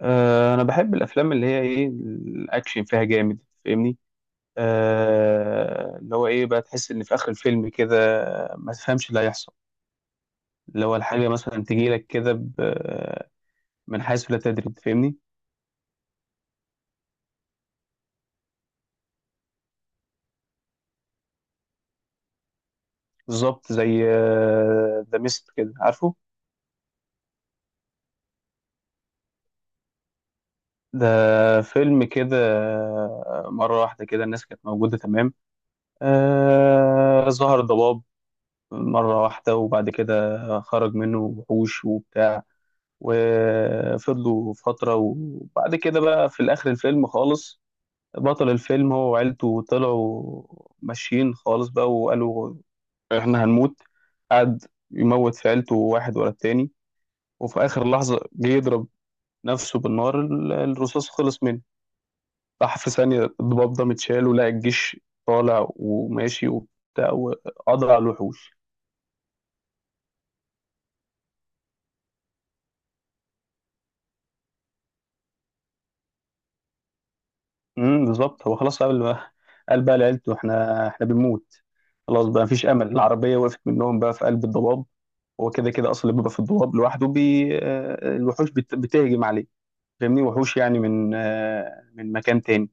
انا بحب الافلام اللي هي ايه الاكشن فيها جامد، فاهمني. اللي هو ايه بقى تحس ان في اخر الفيلم كده ما تفهمش اللي هيحصل. اللي هو الحاجه مثلا تجي لك كده من حيث لا تدري، فاهمني. بالظبط زي ذا ميست كده، عارفه. ده فيلم كده. مره واحده كده الناس كانت موجوده تمام. ظهر ضباب مره واحده، وبعد كده خرج منه وحوش وبتاع. وفضلوا فترة، وبعد كده بقى في الآخر الفيلم خالص، بطل الفيلم هو وعيلته طلعوا ماشيين خالص بقى وقالوا إحنا هنموت. قعد يموت في عيلته واحد ورا التاني، وفي آخر لحظة جه يضرب نفسه بالنار، الرصاص خلص منه. راح في ثانية الضباب ده متشال ولقى الجيش طالع وماشي وبتاع وقضى على الوحوش. بالظبط، هو خلاص قال بقى، لعيلته احنا بنموت. خلاص بقى مفيش امل، العربيه وقفت منهم بقى في قلب الضباب. هو كده كده اصلا اللي بيبقى في الضباب لوحده بي آه، الوحوش بتهجم عليه، فاهمني، وحوش يعني من مكان تاني.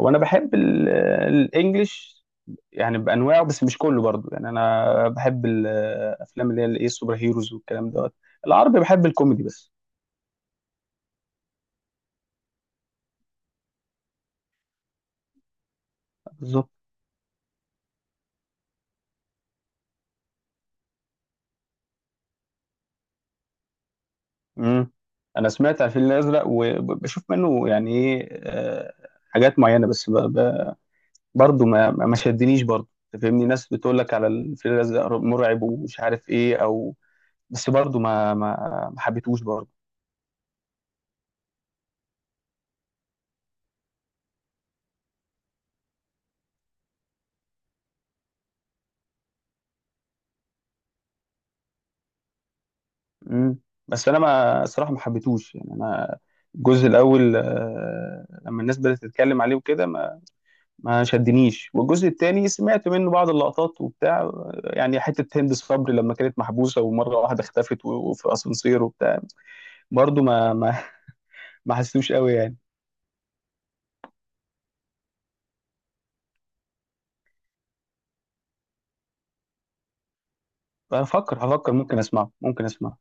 هو انا بحب الانجليش يعني بانواعه، بس مش كله برضو، يعني انا بحب الافلام اللي هي الايه السوبر هيروز والكلام دوت. العربي بحب الكوميدي بس. بالظبط. امم انا سمعت عن الفيل الازرق وبشوف منه يعني ايه، حاجات معينه، بس برضه ما شدنيش برضه. أنت فاهمني، ناس بتقول لك على الفيل الازرق مرعب ومش عارف ايه او، بس برضه ما حبيتهوش برضه. امم. بس انا ما الصراحه ما حبيتهوش يعني، انا الجزء الاول، لما الناس بدات تتكلم عليه وكده ما شدنيش، والجزء التاني سمعت منه بعض اللقطات وبتاع، يعني حتة هند صبري لما كانت محبوسة ومرة واحدة اختفت وفي أسانسير وبتاع، برضو ما حسيتوش قوي يعني. هفكر، ممكن أسمعه.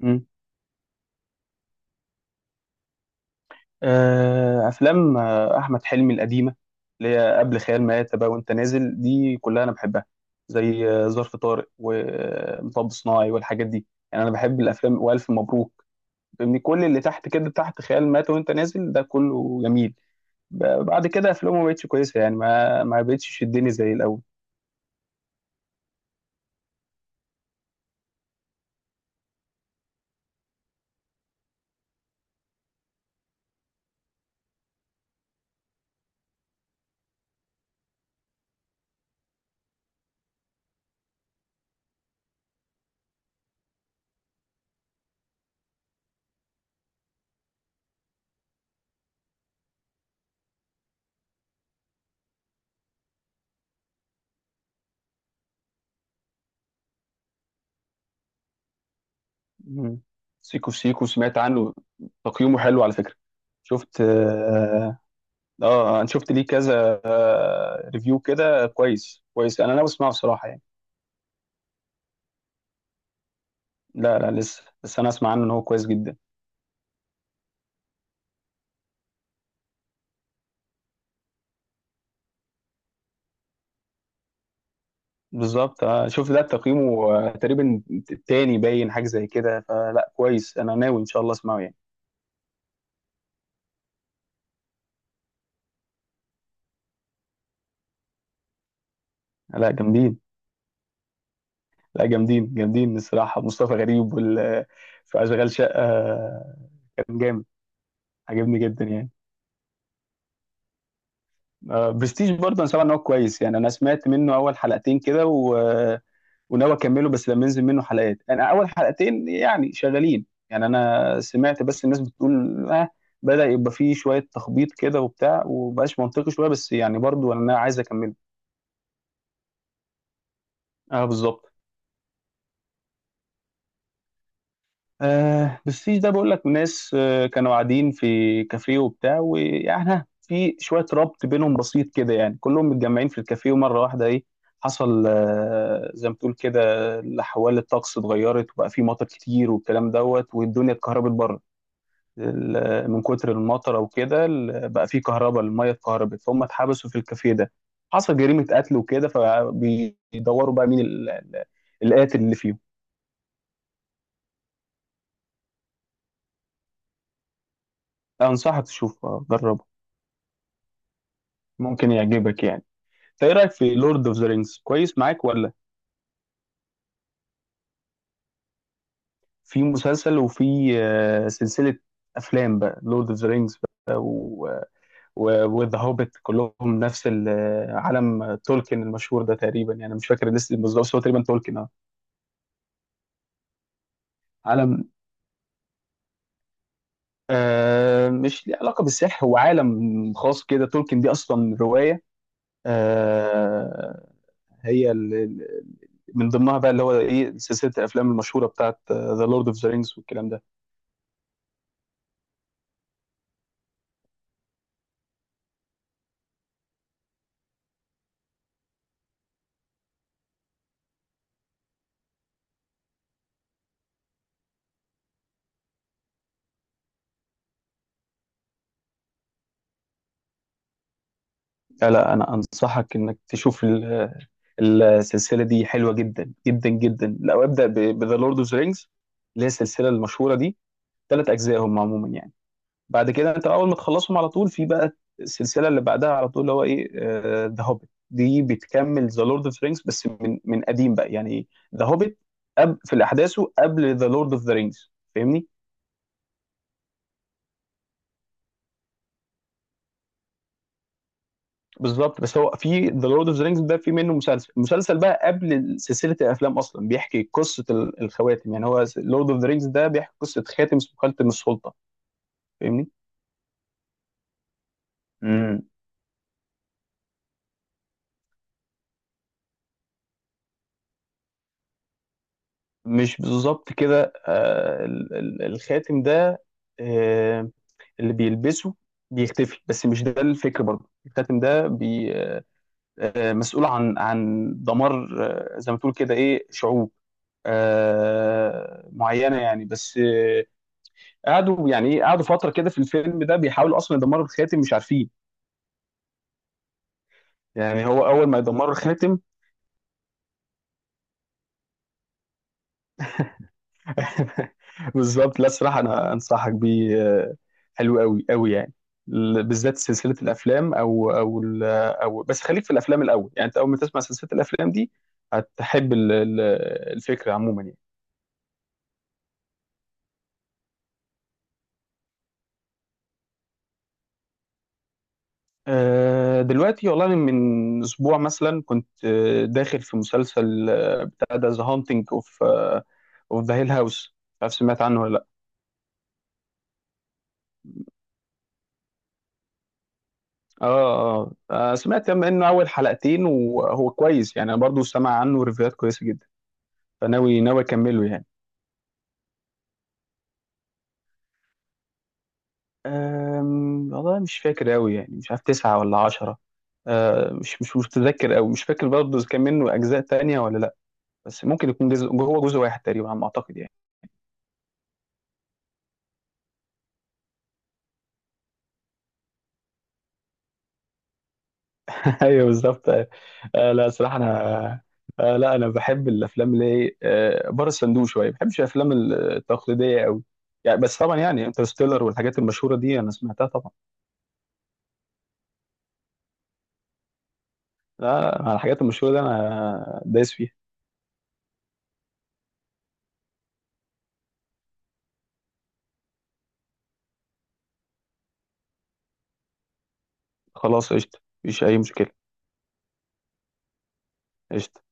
مم. أفلام أحمد حلمي القديمة، اللي هي قبل خيال مآتة بقى وأنت نازل، دي كلها أنا بحبها، زي ظرف طارق ومطب صناعي والحاجات دي، يعني أنا بحب الأفلام وألف مبروك، فاهمني، كل اللي تحت كده تحت خيال مآتة وأنت نازل ده كله جميل. بعد كده افلامه ما بقتش كويسه، يعني ما ما بقتش تشدني زي الاول. مم. سيكو في سيكو سمعت عنه، تقييمه حلو على فكره. شفت اه. انا شفت ليه كذا ريفيو كده كويس كويس، انا ناوي اسمعه بصراحه يعني. لا، لا، لسه، بس انا اسمع عنه ان هو كويس جدا. بالظبط. شفت ده تقييمه تقريبا تاني، باين حاجه زي كده، فلا كويس، انا ناوي ان شاء الله اسمعه يعني. لا جامدين، لا جامدين الصراحه. مصطفى غريب وال آه، في اشغال شقه، كان جامد، عجبني جدا يعني. برستيج برضه انا سامع ان هو كويس يعني، انا سمعت منه اول حلقتين كده، وناوي اكمله، بس لما ينزل منه حلقات، انا اول حلقتين يعني شغالين، يعني انا سمعت بس الناس بتقول بدأ يبقى فيه شوية تخبيط كده وبتاع ومبقاش منطقي شوية، بس يعني برضه انا عايز اكمله. اه بالظبط. بس ده بقول لك، ناس كانوا قاعدين في كافيه وبتاع، ويعني في شويه ربط بينهم بسيط كده، يعني كلهم متجمعين في الكافيه ومره واحده ايه حصل، زي ما تقول كده، الاحوال الطقس اتغيرت وبقى في مطر كتير والكلام دوت والدنيا اتكهربت بره. من كتر المطر وكده بقى في كهرباء، الميه اتكهربت فهم اتحبسوا في الكافيه ده، حصل جريمه قتل وكده، فبيدوروا بقى مين القاتل اللي فيهم. انصحك تشوفه، جرب، ممكن يعجبك يعني. انت ايه رايك في لورد اوف ذا رينجز؟ كويس معاك ولا؟ في مسلسل، وفي سلسله افلام بقى لورد اوف ذا رينجز بقى، وذا هوبيت، كلهم نفس عالم تولكن المشهور ده تقريبا، يعني مش فاكر لسه بالظبط بس هو تقريبا تولكن اه. عالم. مش ليه علاقه بالسحر، هو عالم خاص كده، تولكن دي اصلا روايه. آه هي من ضمنها بقى اللي هو ايه سلسله الافلام المشهوره بتاعت ذا لورد اوف ذا رينجز والكلام ده. لا، لا، انا انصحك انك تشوف السلسله دي، حلوه جدا جدا جدا، لو ابدا بذا لورد اوف ذا رينجز اللي هي السلسله المشهوره دي، 3 اجزاء هم عموما يعني. بعد كده انت اول ما تخلصهم على طول في بقى السلسله اللي بعدها على طول اللي هو ايه ذا هوبيت، دي بتكمل ذا لورد اوف ذا رينجز، بس من قديم بقى يعني. ذا هوبيت في احداثه قبل ذا لورد اوف ذا رينجز. بالظبط، بس هو في ذا لورد اوف ذا رينجز ده في منه مسلسل، المسلسل بقى قبل سلسله الافلام اصلا بيحكي قصه الخواتم، يعني هو لورد اوف ذا رينجز ده بيحكي قصه خاتم اسمه خاتم السلطه، فاهمني. امم مش بالظبط كده، الخاتم ده، آه اللي بيلبسه بيختفي، بس مش ده الفكر برضه، الخاتم ده بي آه مسؤول عن دمار، زي ما تقول كده ايه شعوب معينه يعني. بس قعدوا يعني ايه قعدوا فتره كده في الفيلم ده بيحاولوا اصلا يدمروا الخاتم مش عارفين، يعني هو اول ما يدمروا الخاتم. بالظبط. لا الصراحه انا انصحك بيه، حلو قوي قوي يعني، بالذات سلسله الافلام او بس خليك في الافلام الاول، يعني انت اول ما تسمع سلسله الافلام دي هتحب الفكره عموما يعني. دلوقتي والله أنا من اسبوع مثلا كنت داخل في مسلسل بتاع ده، ذا هانتنج اوف ذا هيل هاوس، مش عارف سمعت عنه ولا؟ اه، اه، سمعت منه اول حلقتين وهو كويس يعني، انا برضو سمع عنه ريفيوهات كويسه جدا، فناوي اكمله يعني. والله مش فاكر أوي يعني، مش عارف 9 ولا 10. أه مش متذكر أوي، مش فاكر برضه إذا كان منه أجزاء تانية ولا لأ، بس ممكن يكون جزء، هو جزء واحد تقريبا على ما أعتقد يعني. أيوه بالظبط. أه آه، لا صراحة أنا، لا أنا بحب الأفلام اللي هي بره الصندوق شوية، ما بحبش الأفلام التقليدية أوي يعني، بس طبعا يعني انترستيلر والحاجات المشهورة دي أنا سمعتها طبعا. لا، لا، على الحاجات المشهورة دي أنا دايس فيها. خلاص قشطة، مفيش أي مشكلة. قشطة.